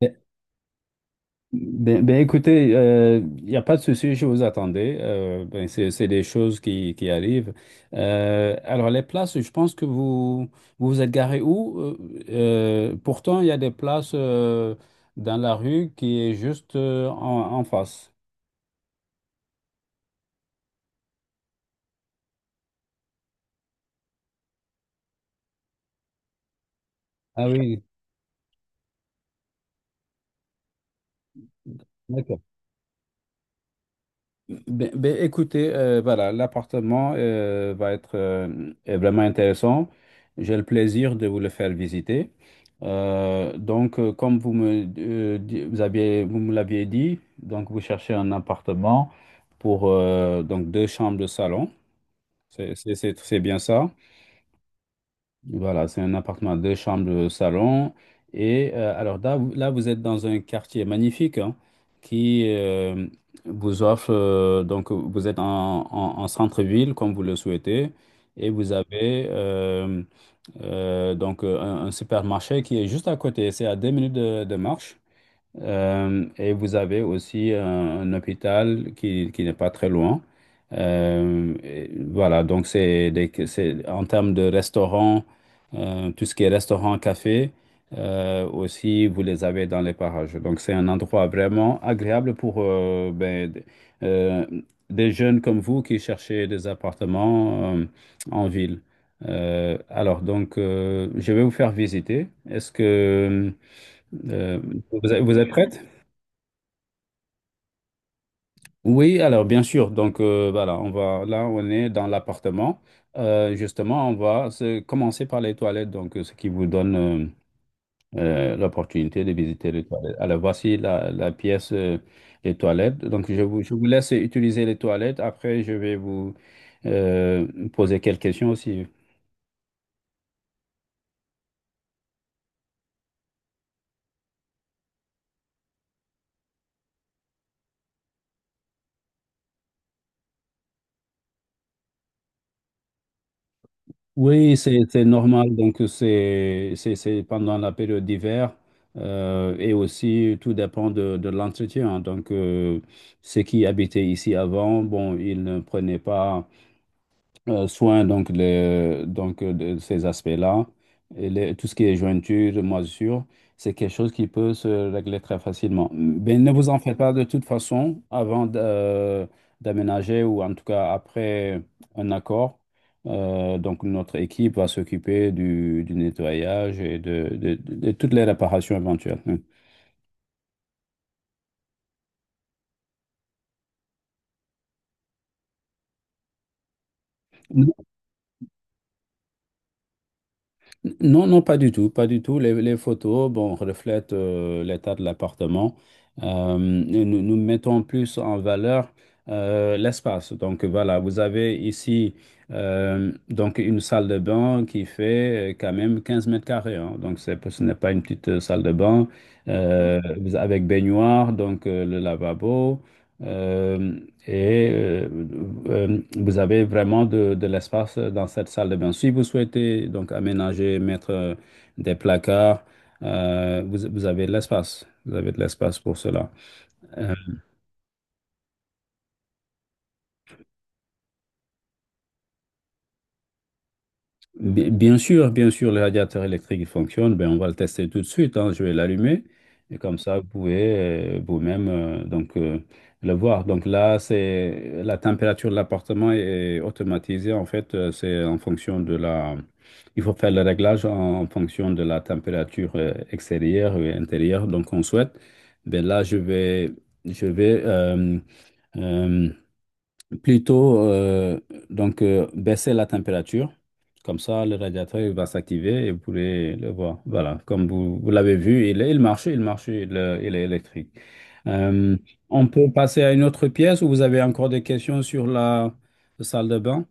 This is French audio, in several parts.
Ben, écoutez, il n'y a pas de souci, je vous attendais. C'est des choses qui arrivent. Alors, les places, je pense que vous vous êtes garé où? Pourtant, il y a des places dans la rue qui est juste en, en face. Ah oui, d'accord. Voilà, l'appartement va être est vraiment intéressant. J'ai le plaisir de vous le faire visiter. Comme vous aviez, vous me l'aviez dit, donc vous cherchez un appartement pour donc deux chambres de salon. C'est c'est bien ça? Voilà, c'est un appartement à deux chambres, salon. Alors là, vous êtes dans un quartier magnifique, hein, qui vous offre, donc vous êtes en, en centre-ville comme vous le souhaitez, et vous avez un supermarché qui est juste à côté, c'est à deux minutes de marche. Et vous avez aussi un hôpital qui n'est pas très loin. Et voilà, donc c'est en termes de restaurants, tout ce qui est restaurant, café, aussi vous les avez dans les parages. Donc c'est un endroit vraiment agréable pour euh, des jeunes comme vous qui cherchez des appartements en ville. Alors, je vais vous faire visiter. Est-ce que euh, Vous êtes vous êtes prête? Oui, alors bien sûr. Voilà, on va là, on est dans l'appartement. Justement, commencer par les toilettes, donc ce qui vous donne l'opportunité de visiter les toilettes. Alors voici la, la pièce des toilettes. Donc je vous laisse utiliser les toilettes. Après, je vais vous euh, poser quelques questions aussi. Oui, c'est normal. Donc, c'est pendant la période d'hiver, et aussi tout dépend de l'entretien. Ceux qui habitaient ici avant, bon, ils ne prenaient pas soin donc, les, donc de ces aspects-là. Et tout ce qui est jointure, moisissure, c'est quelque chose qui peut se régler très facilement. Mais ne vous en faites pas. De toute façon, avant d'aménager, ou en tout cas après un accord, donc notre équipe va s'occuper du nettoyage et de toutes les réparations éventuelles. Non, non, pas du tout, pas du tout. Les photos, bon, reflètent l'état de l'appartement. Nous, nous mettons plus en valeur l'espace. Donc voilà, vous avez ici une salle de bain qui fait quand même 15 mètres carrés, hein. Donc c'est, ce n'est pas une petite salle de bain, avec baignoire, le lavabo. Euh, et euh, Vous avez vraiment de l'espace dans cette salle de bain. Si vous souhaitez donc aménager, mettre des placards, vous avez de l'espace. Vous avez de l'espace pour cela. Euh, bien sûr, le radiateur électrique il fonctionne. Ben, on va le tester tout de suite, hein. Je vais l'allumer. Et comme ça, vous pouvez vous-même le voir. Donc là, c'est la température de l'appartement est automatisée. En fait, c'est en fonction de la... Il faut faire le réglage en, en fonction de la température extérieure et intérieure. Donc, on souhaite. Ben là, je vais, je vais euh, plutôt, baisser la température. Comme ça, le radiateur il va s'activer et vous pourrez le voir. Voilà, comme vous l'avez vu, il marche, il marche, il est électrique. Euh, on peut passer à une autre pièce? Où vous avez encore des questions sur la salle de bain?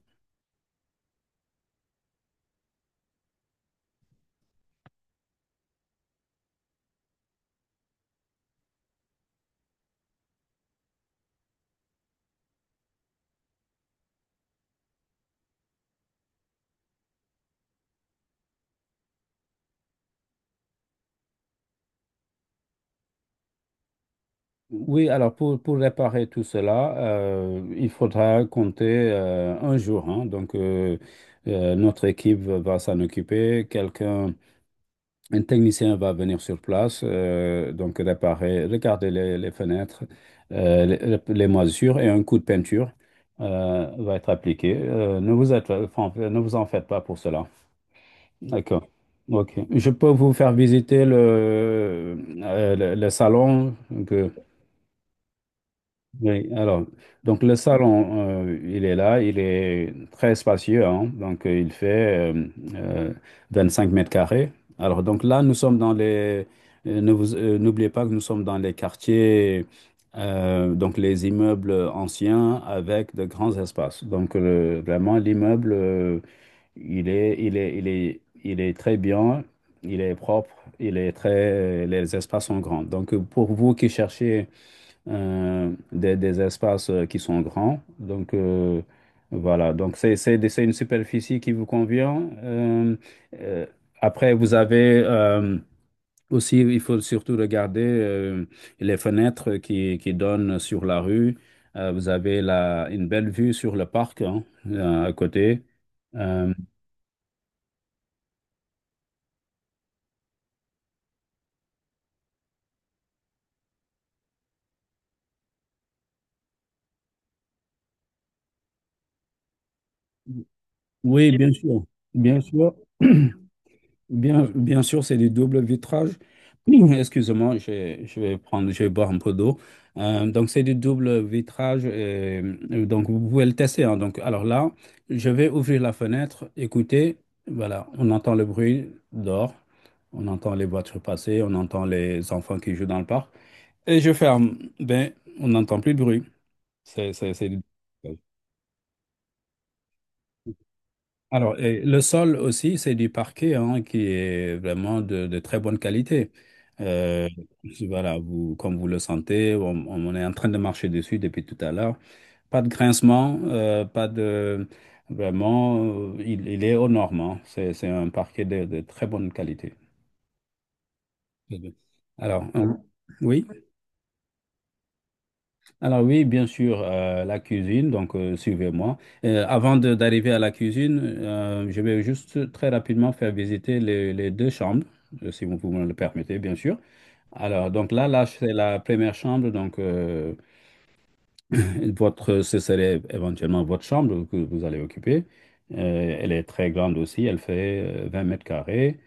Oui, alors pour réparer tout cela, il faudra compter un jour, hein. Notre équipe va s'en occuper. Quelqu'un Un technicien va venir sur place, donc réparer, regarder les fenêtres, les moisissures, et un coup de peinture va être appliqué. Ne vous êtes- Enfin, ne vous en faites pas pour cela. D'accord. OK. Je peux vous faire visiter le salon. Oui, alors, donc le salon, il est là, il est très spacieux, hein, donc il fait euh, 25 mètres carrés. Alors, donc là, nous sommes dans les, ne vous, n'oubliez pas que nous sommes dans les quartiers, donc les immeubles anciens avec de grands espaces. Donc, vraiment, l'immeuble, il, est, il, est, il, est, il est très bien, il est propre, les espaces sont grands. Donc, pour vous qui cherchez des espaces qui sont grands. Voilà. Donc, c'est une superficie qui vous convient. Euh, Après, vous avez aussi, il faut surtout regarder les fenêtres qui donnent sur la rue. Vous avez une belle vue sur le parc, hein, à côté. Euh, oui, bien sûr. Bien sûr. Bien sûr, c'est du double vitrage. Excusez-moi, je vais boire un peu d'eau. C'est du double vitrage. Et, vous pouvez le tester, hein. Donc, alors là, je vais ouvrir la fenêtre. Écoutez, voilà, on entend le bruit dehors. On entend les voitures passer. On entend les enfants qui jouent dans le parc. Et je ferme. Ben, on n'entend plus de bruit. C'est, c'est... Alors, et le sol aussi, c'est du parquet, hein, qui est vraiment de très bonne qualité. Euh, voilà, comme vous le sentez, on est en train de marcher dessus depuis tout à l'heure. Pas de grincement, pas de... Vraiment, il est aux normes, hein. C'est un parquet de très bonne qualité. Très bien. Alors, euh, oui. Alors oui, bien sûr, la cuisine, donc suivez-moi. Avant d'arriver à la cuisine, je vais juste très rapidement faire visiter les deux chambres, si vous me le permettez, bien sûr. Alors, là, c'est la première chambre, donc ce serait éventuellement votre chambre que vous allez occuper. Elle est très grande aussi, elle fait 20 mètres carrés.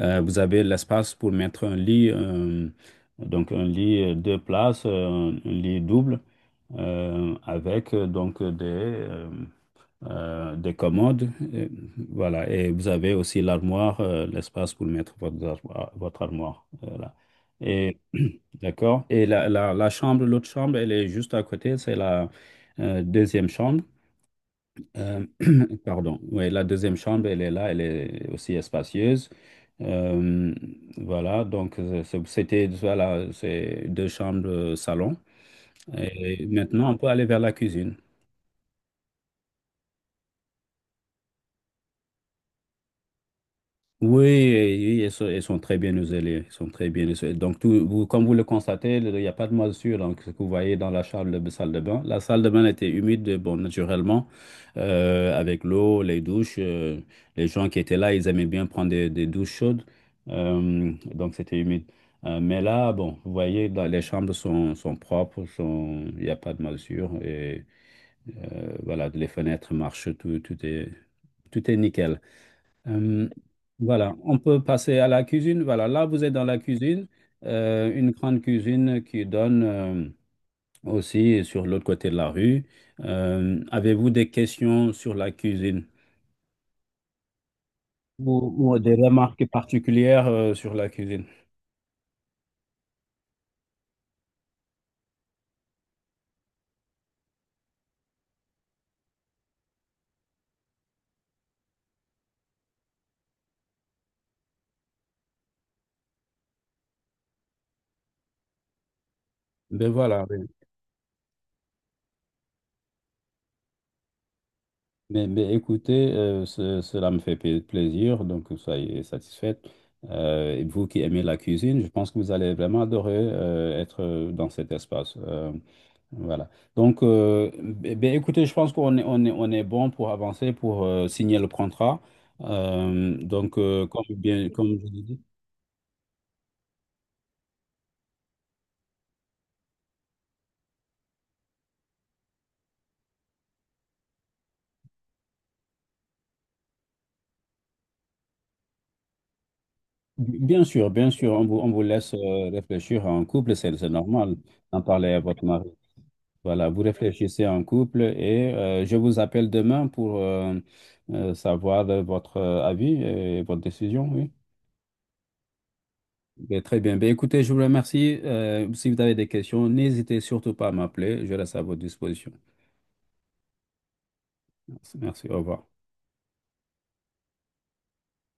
Vous avez l'espace pour mettre un lit, un lit deux places, un lit double, avec des commodes. Voilà, et vous avez aussi l'armoire, l'espace pour mettre votre armoire. Votre armoire, voilà. Et, d'accord. Et la chambre, l'autre chambre, elle est juste à côté, c'est la deuxième chambre. Euh, Pardon. Oui, la deuxième chambre, elle est là, elle est aussi espacieuse. Euh, voilà, c'est deux chambres salon. Et maintenant, on peut aller vers la cuisine. Oui, oui, ils sont très bien isolés. Ils sont très bien isolés. Donc, comme vous le constatez, il n'y a pas de moisissure. Donc, ce que vous voyez dans salle de bain, la salle de bain était humide, bon, naturellement, avec l'eau, les douches. Les gens qui étaient là, ils aimaient bien prendre des douches chaudes. Donc, c'était humide. Mais là, bon, vous voyez, les chambres sont, sont propres, sont, il n'y a pas de moisissure. Et voilà, les fenêtres marchent, tout, tout est nickel. Euh, voilà, on peut passer à la cuisine. Voilà, là, vous êtes dans la cuisine, une grande cuisine qui donne aussi sur l'autre côté de la rue. Avez-vous des questions sur la cuisine, ou des remarques particulières sur la cuisine? Ben voilà, ben- écoutez, cela me fait plaisir, donc soyez satisfaite. Et vous qui aimez la cuisine, je pense que vous allez vraiment adorer être dans cet espace. Voilà. Donc, euh, eh bien, écoutez, je pense qu'on est, on est bon pour avancer, pour signer le contrat. Comme, comme je l'ai dit, bien sûr, on vous laisse réfléchir en couple, c'est normal d'en parler à votre mari. Voilà, vous réfléchissez en couple et je vous appelle demain pour savoir votre avis et votre décision, oui. Ben, très bien. Ben, écoutez, je vous remercie. Si vous avez des questions, n'hésitez surtout pas à m'appeler. Je reste à votre disposition. Merci. Au revoir.